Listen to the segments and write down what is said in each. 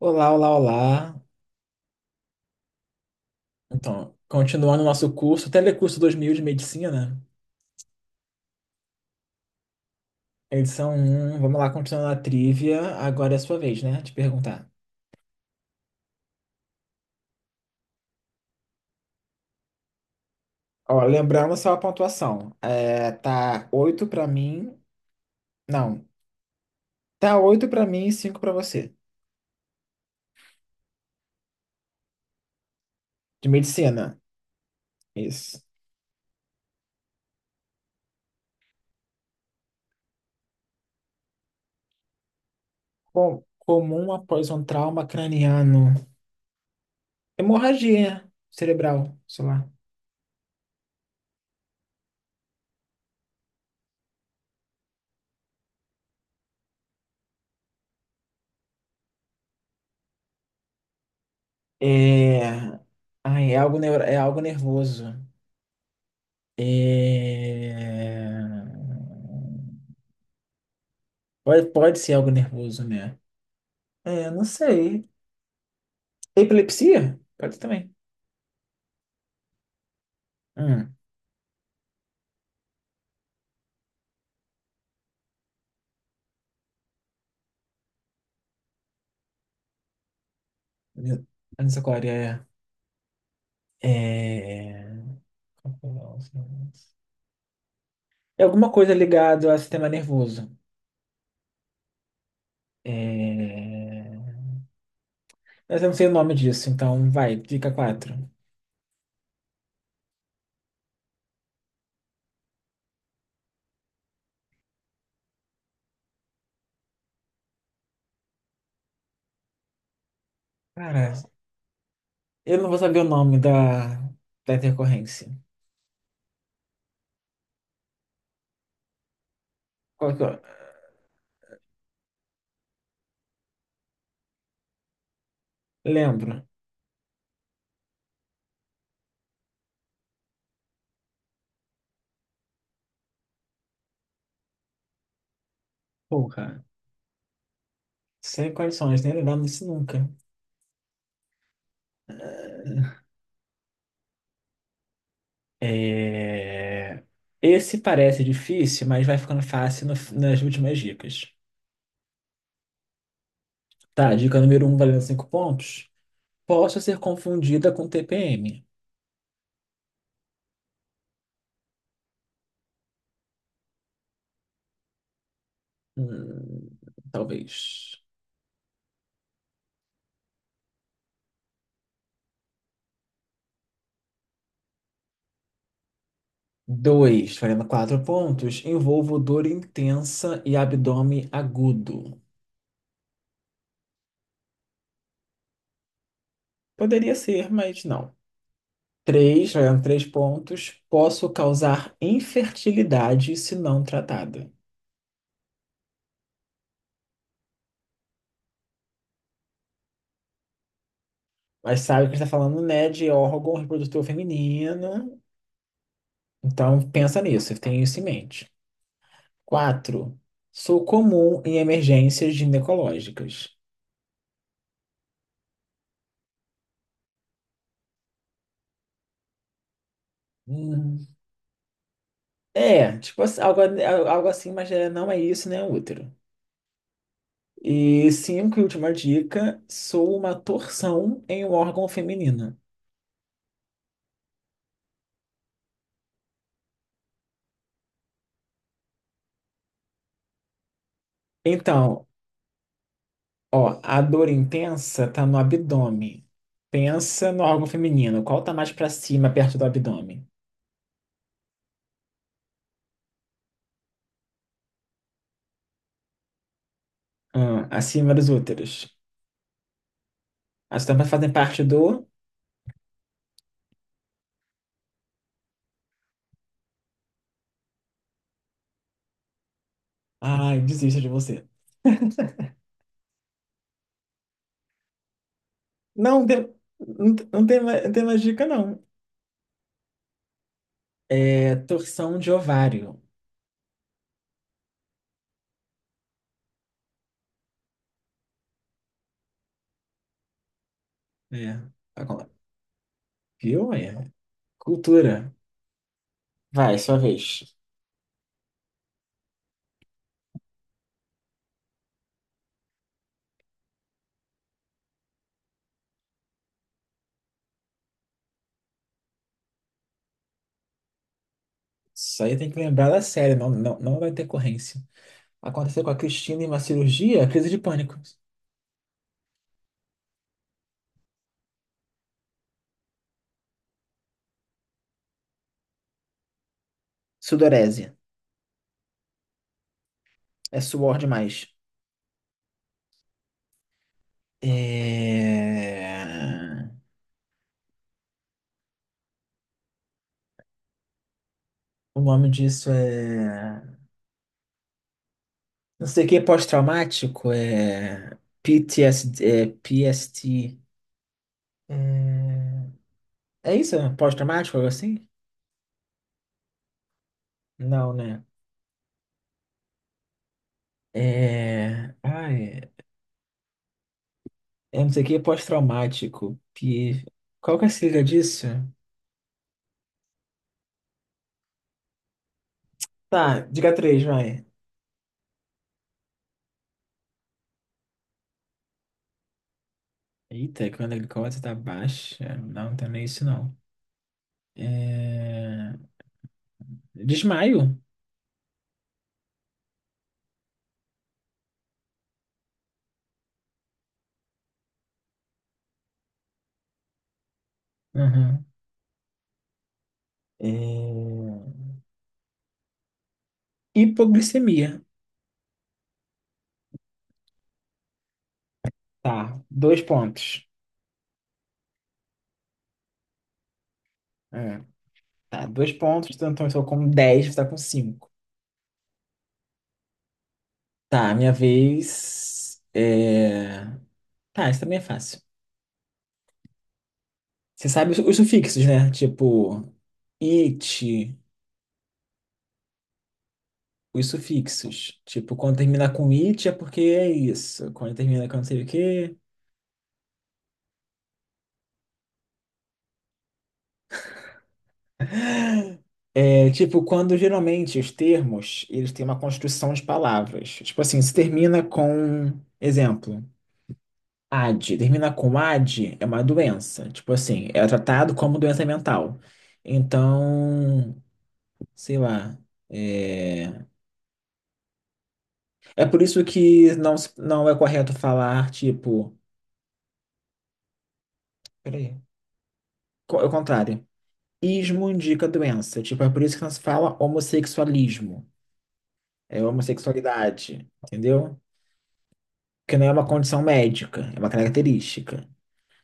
Olá, olá, olá. Então, continuando o nosso curso, Telecurso 2000 de Medicina, edição um. Vamos lá, continuando a trivia. Agora é a sua vez, né? De perguntar. Ó, lembrando só a pontuação. É, tá 8 pra mim. Não, tá 8 pra mim e cinco pra você. De medicina. Isso. Comum após um trauma craniano. Hemorragia cerebral, sei lá. É, ai, é algo, é algo nervoso. É... Pode ser algo nervoso, né? É, não sei. Epilepsia? Pode também. Hum. Anisocoria é. Qual que é o nome? É alguma coisa ligada ao sistema nervoso. É... Mas eu não sei o nome disso, então vai, dica quatro. Cara, eu não vou saber o nome da intercorrência. Qual que eu. Lembro. Porra, sem condições, nem lembrar disso nunca. É, esse parece difícil, mas vai ficando fácil nas últimas dicas. Tá, dica número um valendo 5 pontos. Posso ser confundida com TPM. Hum, talvez. Dois valendo 4 pontos. Envolvo dor intensa e abdômen agudo. Poderia ser, mas não. Três valendo 3 pontos. Posso causar infertilidade se não tratada. Mas sabe que está falando, né, de órgão reprodutor feminino. Então, pensa nisso, tenha isso em mente. 4. Sou comum em emergências ginecológicas. Hum, É, tipo assim, algo assim, mas não é isso, né, útero. E cinco, e última dica, sou uma torção em um órgão feminino. Então, ó, a dor intensa tá no abdômen. Pensa no órgão feminino. Qual tá mais pra cima, perto do abdômen? Ah, acima dos úteros. As tampas fazem parte do. Ai, desisto de você. Não, não, não tem, não tem mais dica, não. É torção de ovário. É. Agora, viu? É. Cultura. Vai, sua vez. Isso aí tem que lembrar da série, não, não, não da intercorrência. Aconteceu com a Cristina em uma cirurgia, crise de pânico. Sudorese. É suor demais. É... O nome disso é. Não sei o que, pós-traumático. É. PTSD. É PST. É... É isso? É pós-traumático, algo assim? Não, né? É. Ai, é não sei o que, é pós-traumático. Qual que é a sigla disso? Tá, diga três, vai. Eita, quando a glicose tá baixa. Não, então não tem nem isso não. É... Desmaio. Uhum. É... Hipoglicemia. Tá, dois pontos. É, tá, dois pontos, então eu estou com 10, você tá com 5. Tá, minha vez. É... Tá, isso também é fácil. Você sabe os sufixos, né? Tipo, it, os sufixos. Tipo, quando termina com it é porque é isso. Quando termina com não sei o quê. É, tipo, quando geralmente os termos, eles têm uma construção de palavras. Tipo assim, se termina com, exemplo, AD. Termina com AD é uma doença. Tipo assim, é tratado como doença mental. Então, sei lá. É, é por isso que não, não é correto falar, tipo. Peraí. É o contrário. Ismo indica doença. Tipo, é por isso que não se fala homossexualismo. É homossexualidade, entendeu? Porque não é uma condição médica, é uma característica.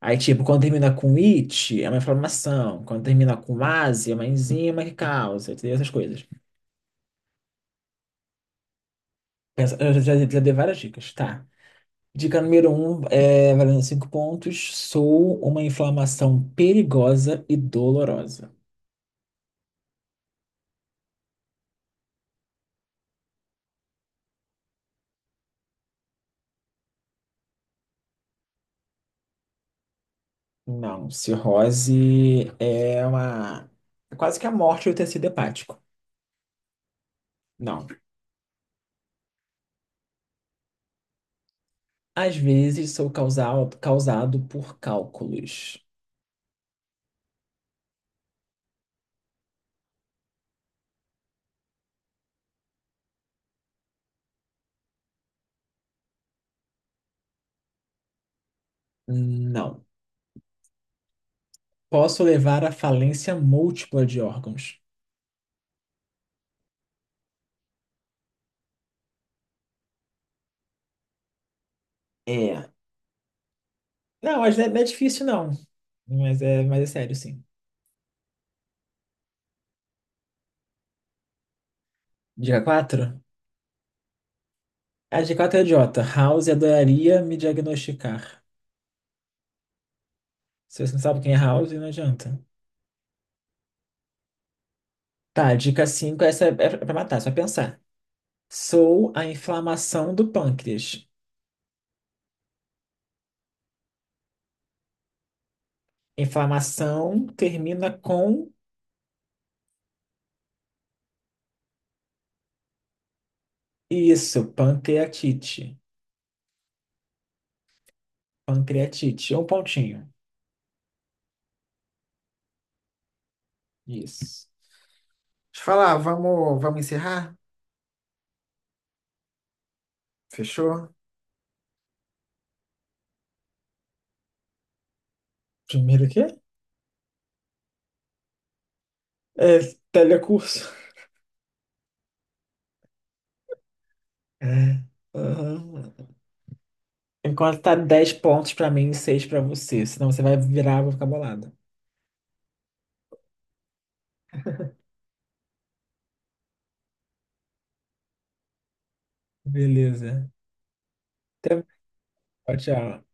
Aí, tipo, quando termina com it, é uma inflamação. Quando termina com ase, é uma enzima que causa, entendeu? Essas coisas. Eu já dei várias dicas, tá? Dica número um, valendo cinco pontos. Sou uma inflamação perigosa e dolorosa. Não, cirrose é uma. É quase que a morte do tecido hepático. Não. Às vezes sou causado por cálculos. Não. Posso levar à falência múltipla de órgãos. É. Não, mas não é difícil, não. Mas é sério, sim. Dica quatro. A dica 4 é idiota. House adoraria me diagnosticar. Se você não sabe quem é House, não adianta. Tá, dica 5, essa é pra matar, é só pensar. Sou a inflamação do pâncreas. Inflamação termina com isso, pancreatite. Pancreatite, um pontinho. Isso. Deixa eu falar, vamos encerrar? Fechou? Primeiro o quê? É telecurso. É. Aham. Enquanto tá 10 pontos pra mim e 6 pra você, senão você vai virar, eu vou ficar bolada. Beleza. Até- Tchau, tchau.